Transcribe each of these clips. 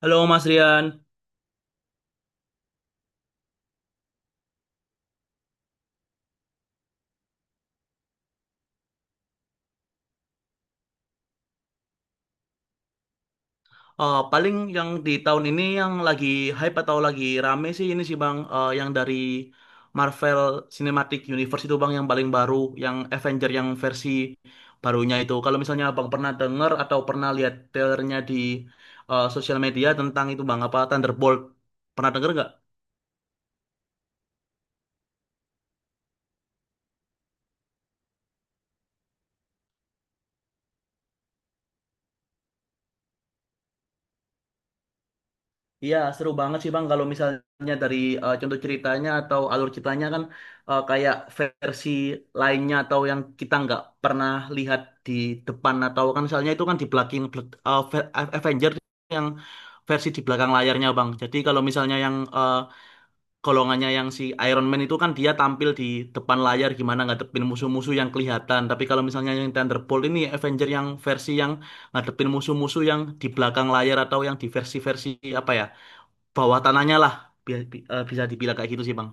Halo Mas Rian. Paling yang di tahun ini yang lagi hype atau lagi rame sih ini sih Bang. Yang dari Marvel Cinematic Universe itu Bang yang paling baru, yang Avenger yang versi barunya itu. Kalau misalnya Abang pernah denger atau pernah lihat trailernya di sosial media tentang itu Bang, apa Thunderbolt, pernah denger nggak? Iya, seru banget sih Bang. Kalau misalnya dari contoh ceritanya atau alur ceritanya kan kayak versi lainnya atau yang kita nggak pernah lihat di depan atau kan misalnya itu kan di belakang Avenger yang versi di belakang layarnya Bang. Jadi kalau misalnya yang golongannya yang si Iron Man itu kan dia tampil di depan layar gimana ngadepin musuh-musuh yang kelihatan. Tapi kalau misalnya yang Thunderbolt ini Avenger yang versi yang ngadepin musuh-musuh yang di belakang layar atau yang di versi-versi apa ya? Bawah tanahnya lah, bisa dibilang kayak gitu sih bang.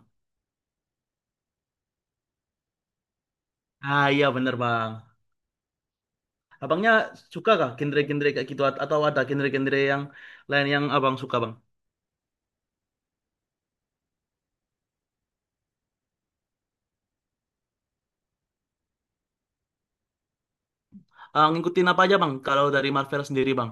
Ah, iya bener bang. Abangnya suka kah genre-genre kayak gitu? Atau ada genre-genre yang lain yang abang suka bang? Ah, ngikutin apa aja bang kalau dari Marvel sendiri bang?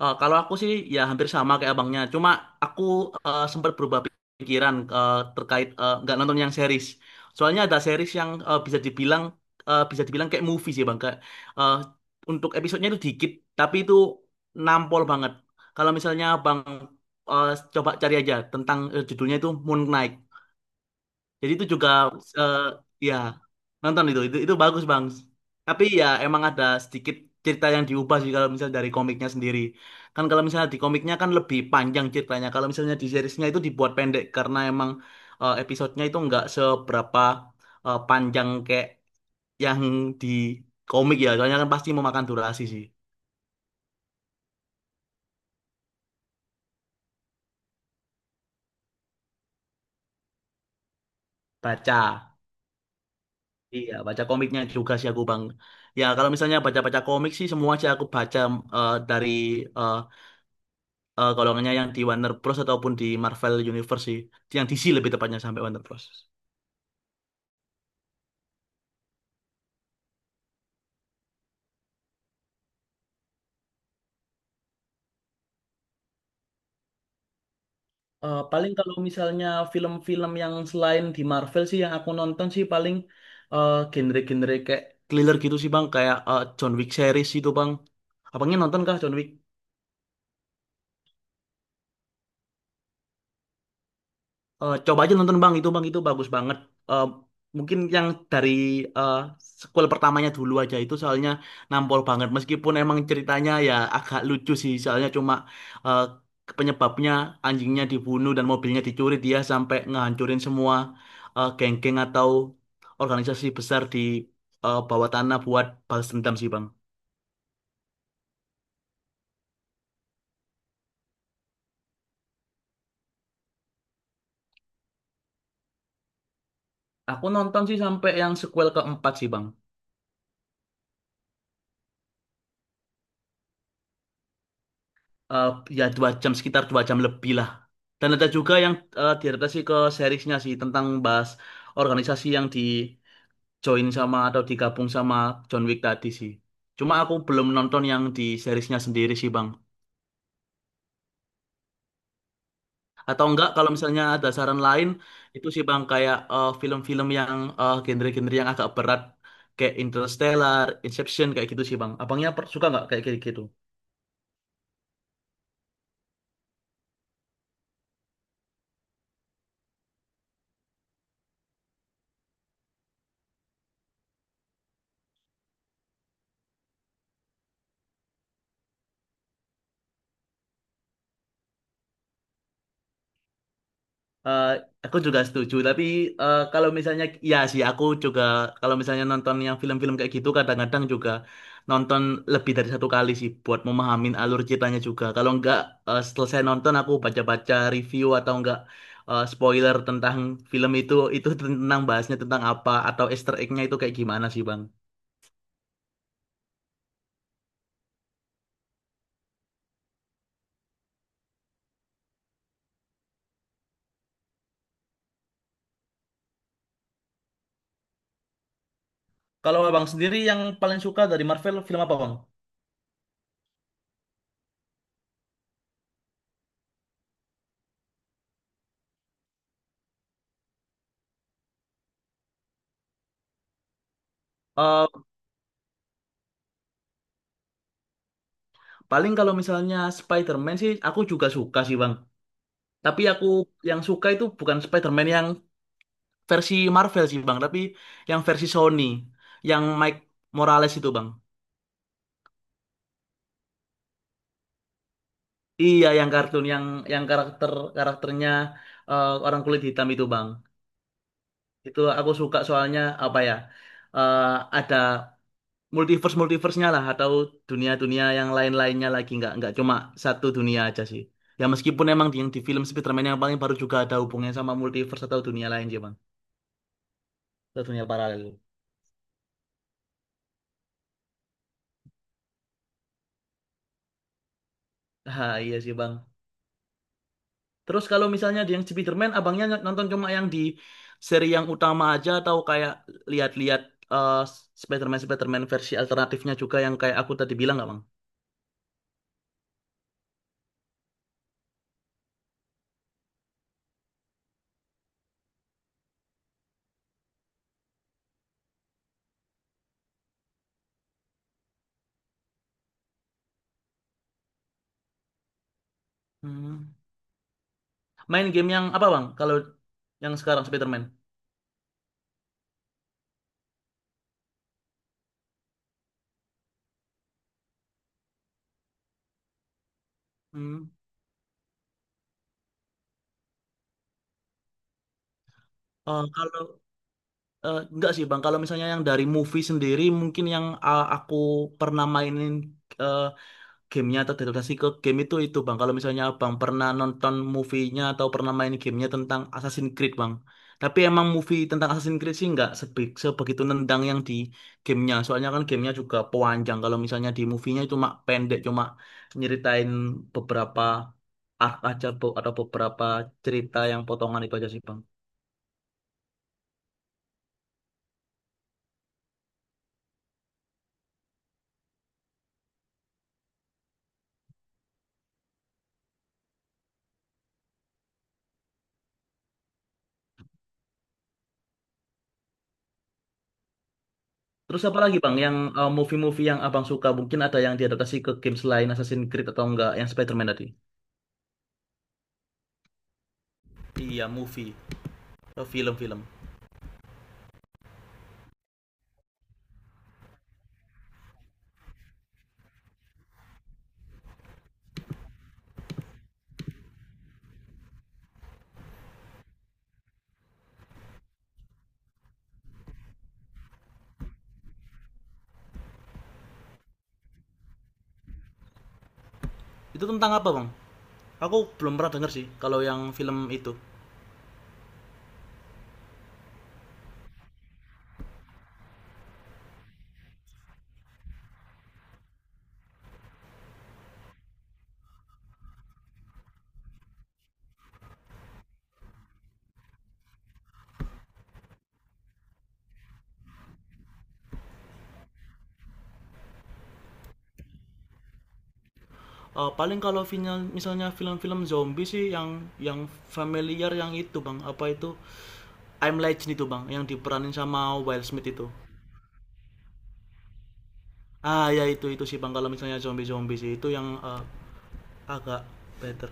Kalau aku sih ya hampir sama kayak abangnya. Cuma aku sempat berubah pikiran terkait nggak nonton yang series. Soalnya ada series yang bisa dibilang kayak movie sih bang. Kayak, eh, untuk episodenya itu dikit, tapi itu nampol banget. Kalau misalnya bang eh, coba cari aja tentang judulnya itu Moon Knight. Jadi itu juga eh, ya nonton itu, itu bagus bang. Tapi ya emang ada sedikit cerita yang diubah sih kalau misalnya dari komiknya sendiri. Kan kalau misalnya di komiknya kan lebih panjang ceritanya. Kalau misalnya di seriesnya itu dibuat pendek karena emang episodenya itu nggak seberapa panjang kayak yang di komik ya. Soalnya kan pasti memakan durasi sih. Baca. Iya, baca komiknya juga sih aku Bang. Ya, kalau misalnya baca-baca komik sih semua sih aku baca eh, dari eh, eh kalau nggaknya yang di Warner Bros ataupun di Marvel Universe sih. Yang DC lebih tepatnya sampai Warner Bros. Paling kalau misalnya film-film yang selain di Marvel sih yang aku nonton sih paling genre-genre kayak Thriller gitu sih bang, kayak John Wick series itu bang. Abangnya nonton kah John Wick? Coba aja nonton Bang itu bagus banget. Eh, Mungkin yang dari eh, sequel pertamanya dulu aja itu soalnya nampol banget meskipun emang ceritanya ya agak lucu sih soalnya cuma eh, penyebabnya anjingnya dibunuh dan mobilnya dicuri dia sampai ngehancurin semua geng-geng atau organisasi besar di bawah tanah buat balas dendam sih Bang. Aku nonton sih sampai yang sequel keempat sih Bang. eh Ya 2 jam sekitar 2 jam lebih lah. Dan ada juga yang diadaptasi ke seriesnya sih tentang bahas organisasi yang di join sama atau digabung sama John Wick tadi sih. Cuma aku belum nonton yang di seriesnya sendiri sih Bang. Atau enggak kalau misalnya ada saran lain itu sih Bang kayak film-film yang genre-genre yang agak berat kayak Interstellar, Inception kayak gitu sih Bang. Abangnya suka nggak kayak gitu? Eh, aku juga setuju, tapi kalau misalnya, ya sih aku juga kalau misalnya nonton yang film-film kayak gitu kadang-kadang juga nonton lebih dari satu kali sih buat memahamin alur ceritanya juga. Kalau nggak selesai nonton aku baca-baca review atau nggak spoiler tentang film itu tentang bahasnya tentang apa atau Easter egg-nya itu kayak gimana sih Bang? Kalau Abang sendiri yang paling suka dari Marvel film apa Bang? Eh, Paling kalau misalnya Spider-Man sih aku juga suka sih Bang. Tapi aku yang suka itu bukan Spider-Man yang versi Marvel sih Bang, tapi yang versi Sony, yang Mike Morales itu Bang. Iya, yang kartun yang yang karakter karakternya orang kulit hitam itu Bang. Itu aku suka soalnya apa ya? eh, ada multiverse-nya lah atau dunia-dunia yang lain-lainnya lagi nggak cuma satu dunia aja sih. Ya meskipun emang di film Spider-Man yang paling baru juga ada hubungannya sama multiverse atau dunia lain sih Bang, atau dunia paralel. Ah, iya sih Bang. Terus kalau misalnya di yang Spiderman, abangnya nonton cuma yang di seri yang utama aja atau kayak lihat-lihat eh, Spiderman Spiderman versi alternatifnya juga yang kayak aku tadi bilang nggak bang? Hmm. Main game yang apa bang? Kalau yang sekarang Spiderman? Hmm. Kalau nggak sih bang, kalau misalnya yang dari movie sendiri mungkin yang aku pernah mainin eh, gamenya atau adaptasi ke game itu bang kalau misalnya abang pernah nonton movie-nya atau pernah main gamenya tentang Assassin's Creed bang. Tapi emang movie tentang Assassin's Creed sih nggak sebegitu nendang yang di gamenya soalnya kan gamenya juga panjang kalau misalnya di movie-nya cuma pendek cuma nyeritain beberapa arc aja Bo, atau beberapa cerita yang potongan itu aja sih bang. Terus apa lagi bang yang movie-movie yang abang suka mungkin ada yang diadaptasi ke game selain Assassin's Creed atau enggak yang Spider-Man tadi? Iya movie. Film-film. Itu tentang apa bang? Aku belum pernah denger sih kalau yang film itu. Paling kalau final, misalnya film-film zombie sih yang yang familiar yang itu bang apa itu I'm Legend itu bang yang diperanin sama Will Smith itu. Ah ya itu sih bang kalau misalnya zombie zombie sih itu yang agak better.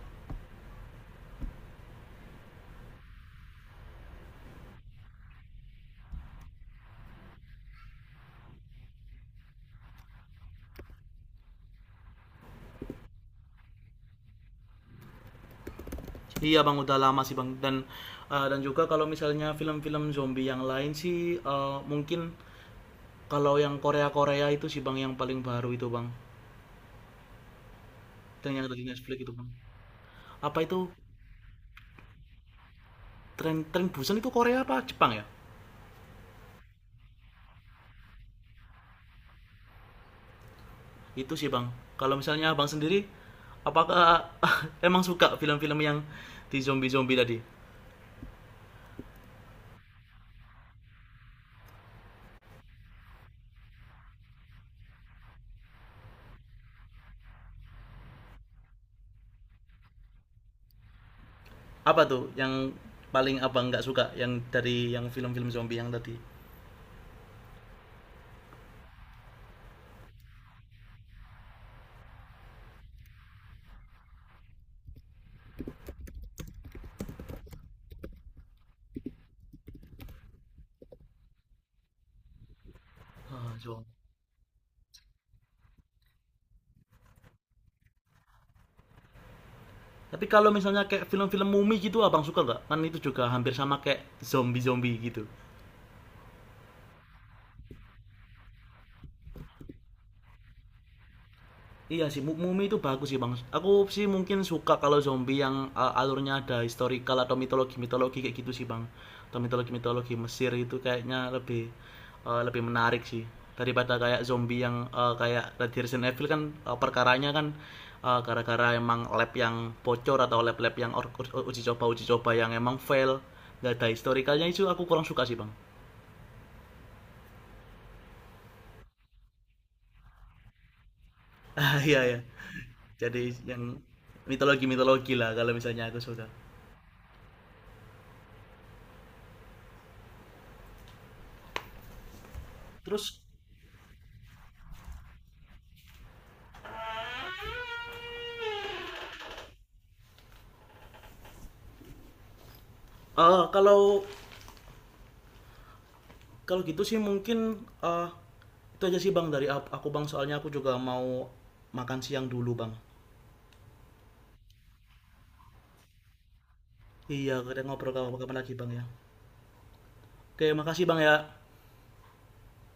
Iya bang udah lama sih bang dan juga kalau misalnya film-film zombie yang lain sih mungkin kalau yang Korea Korea itu sih bang yang paling baru itu bang dan yang ada di Netflix itu bang apa itu tren tren Busan itu Korea apa Jepang ya? Itu sih bang. Kalau misalnya abang sendiri, apakah emang suka film-film yang di zombie-zombie tadi? Apa tuh yang paling abang nggak suka yang dari yang film-film zombie yang tadi? Ah, zombie. Tapi kalau misalnya kayak film-film mumi gitu abang suka nggak? Kan itu juga hampir sama kayak zombie-zombie gitu. Iya sih, Mumi itu bagus sih bang. Aku sih mungkin suka kalau zombie yang alurnya ada historical atau mitologi-mitologi kayak gitu sih bang. Atau mitologi-mitologi Mesir itu kayaknya lebih lebih menarik sih daripada kayak zombie yang kayak Resident Evil kan perkaranya kan gara-gara emang lab yang bocor atau lab-lab yang uji coba yang emang fail nggak ada historikalnya itu aku kurang suka sih bang. Ah iya ya. Jadi yang mitologi mitologi lah kalau misalnya aku suka. Terus. Kalau kalau gitu sih mungkin itu aja sih Bang dari aku Bang soalnya aku juga mau makan siang dulu Bang. Iya, kita ngobrol kapan-kapan lagi Bang ya. Oke, makasih Bang ya.